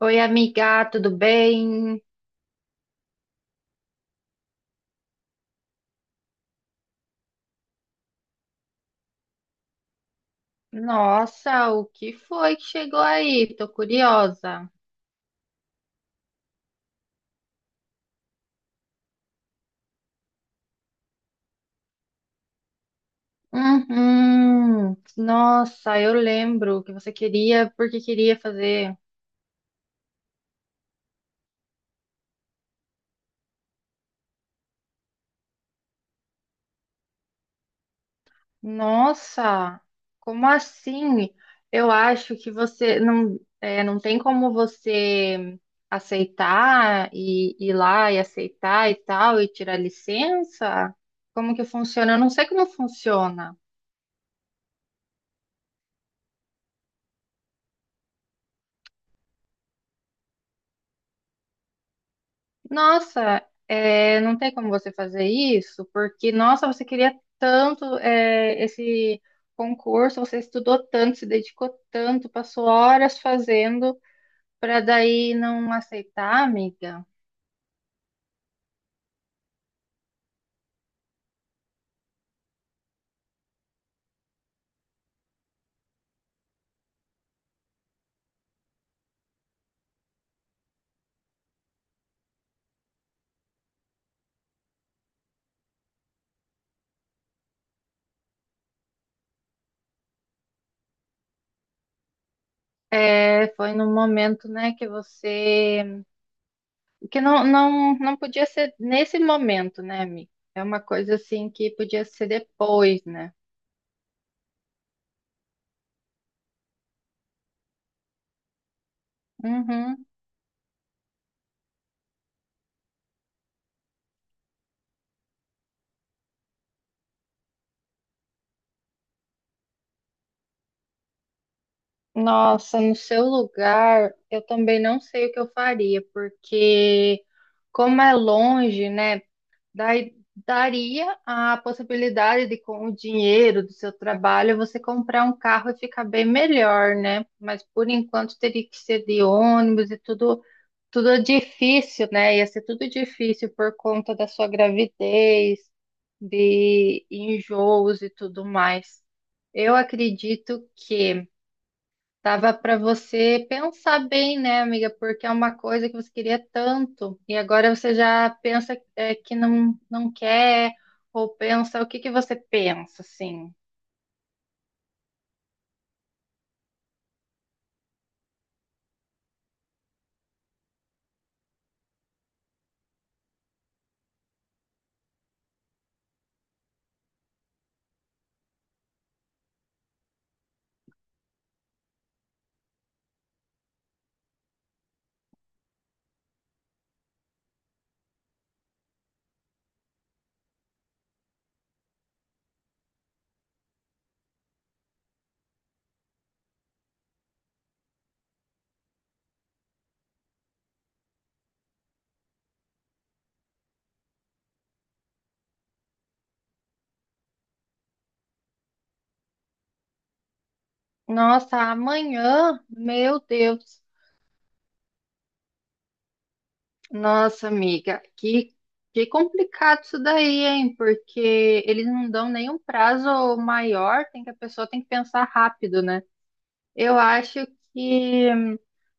Oi, amiga, tudo bem? Nossa, o que foi que chegou aí? Tô curiosa. Uhum. Nossa, eu lembro que você queria, porque queria fazer. Nossa, como assim? Eu acho que você não, não tem como você aceitar e ir lá e aceitar e tal e tirar licença? Como que funciona? Eu não sei como funciona. Nossa, não tem como você fazer isso, porque, nossa, você queria tanto, esse concurso, você estudou tanto, se dedicou tanto, passou horas fazendo, para daí não aceitar, amiga. É, foi num momento, né, que você, que não podia ser nesse momento, né, amiga? É uma coisa assim que podia ser depois, né? Uhum. Nossa, no seu lugar, eu também não sei o que eu faria, porque como é longe, né, dai- daria a possibilidade de com o dinheiro do seu trabalho você comprar um carro e ficar bem melhor, né? Mas por enquanto teria que ser de ônibus e tudo, tudo é difícil, né? Ia ser tudo difícil por conta da sua gravidez, de enjoos e tudo mais. Eu acredito que dava para você pensar bem, né, amiga? Porque é uma coisa que você queria tanto e agora você já pensa que não, não quer ou pensa o que que você pensa, assim? Nossa, amanhã, meu Deus, nossa, amiga, que complicado isso daí, hein? Porque eles não dão nenhum prazo maior, tem que a pessoa tem que pensar rápido, né? Eu acho que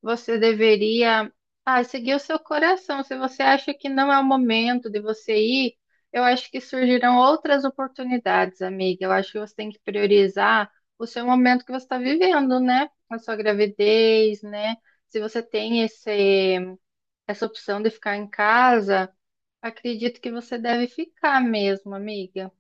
você deveria, ah, seguir o seu coração. Se você acha que não é o momento de você ir, eu acho que surgirão outras oportunidades, amiga. Eu acho que você tem que priorizar o seu momento que você está vivendo, né? A sua gravidez, né? Se você tem essa opção de ficar em casa, acredito que você deve ficar mesmo, amiga.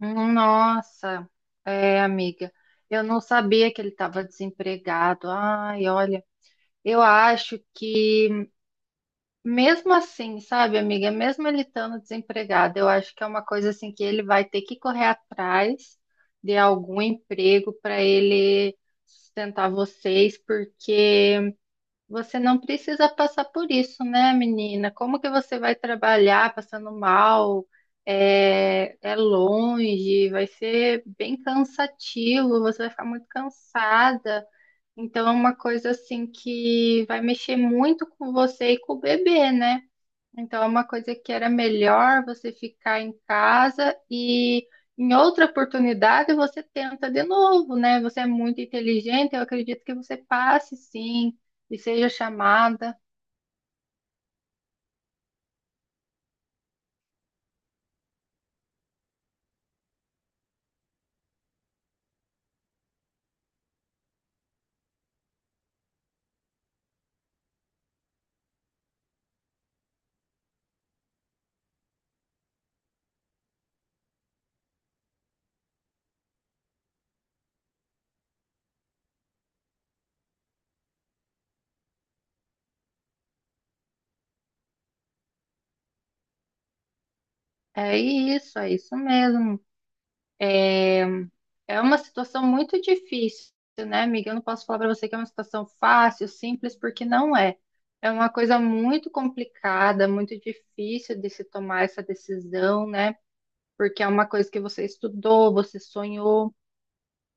Nossa, é, amiga, eu não sabia que ele estava desempregado. Ai, olha, eu acho que mesmo assim, sabe, amiga, mesmo ele estando desempregado, eu acho que é uma coisa assim que ele vai ter que correr atrás de algum emprego para ele sustentar vocês, porque você não precisa passar por isso, né, menina? Como que você vai trabalhar passando mal? É, é longe, vai ser bem cansativo, você vai ficar muito cansada. Então, é uma coisa assim que vai mexer muito com você e com o bebê, né? Então, é uma coisa que era melhor você ficar em casa e em outra oportunidade você tenta de novo, né? Você é muito inteligente, eu acredito que você passe sim e seja chamada. É isso mesmo. É, é uma situação muito difícil, né, amiga? Eu não posso falar para você que é uma situação fácil, simples, porque não é. É uma coisa muito complicada, muito difícil de se tomar essa decisão, né? Porque é uma coisa que você estudou, você sonhou,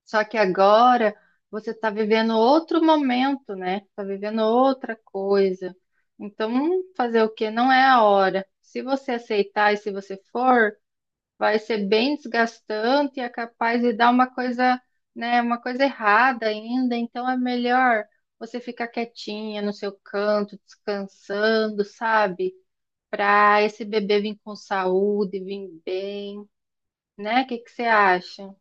só que agora você está vivendo outro momento, né? Está vivendo outra coisa. Então, fazer o quê? Não é a hora. Se você aceitar e se você for, vai ser bem desgastante e é capaz de dar uma coisa, né, uma coisa errada ainda. Então, é melhor você ficar quietinha no seu canto, descansando, sabe? Para esse bebê vir com saúde, vir bem, né? O que que você acha?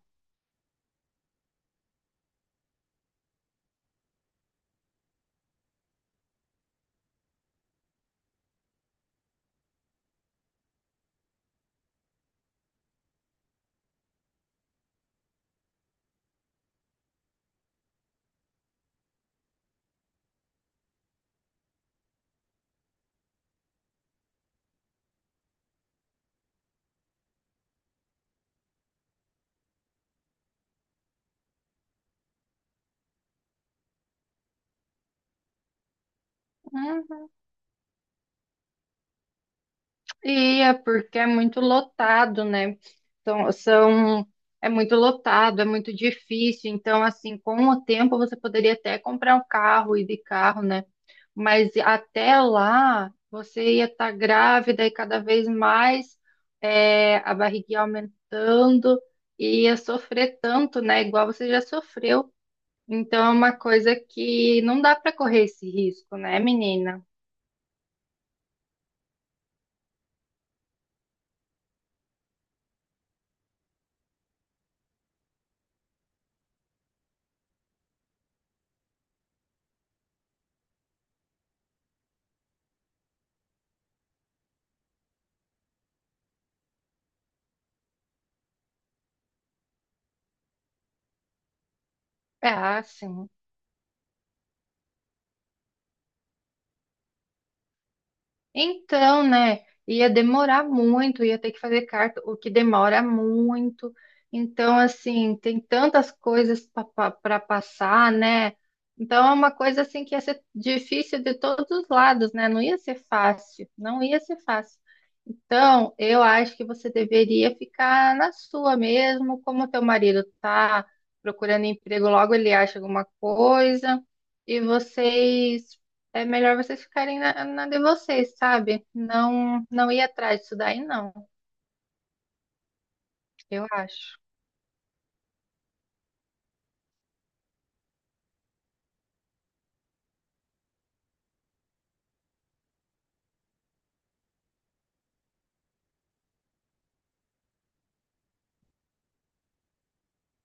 Hum, ia, porque é muito lotado, né? São, são, é muito lotado, é muito difícil. Então, assim, com o tempo você poderia até comprar um carro, ir de carro, né? Mas até lá você ia estar grávida e cada vez mais é, a barriguinha aumentando e ia sofrer tanto, né? Igual você já sofreu. Então, é uma coisa que não dá para correr esse risco, né, menina? É assim. Então, né? Ia demorar muito, ia ter que fazer carta, o que demora muito. Então, assim, tem tantas coisas para passar, né? Então, é uma coisa assim que ia ser difícil de todos os lados, né? Não ia ser fácil, não ia ser fácil. Então, eu acho que você deveria ficar na sua mesmo, como teu marido tá procurando emprego, logo ele acha alguma coisa e vocês, é melhor vocês ficarem na de vocês, sabe? Não, não ir atrás disso daí, não, eu acho.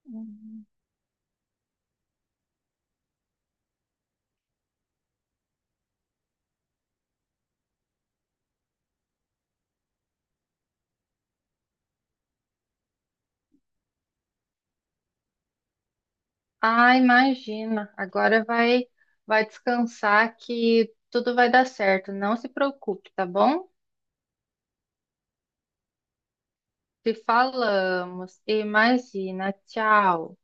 Uhum. Ah, imagina. Agora vai, vai descansar que tudo vai dar certo. Não se preocupe, tá bom? Te falamos. Imagina. Tchau.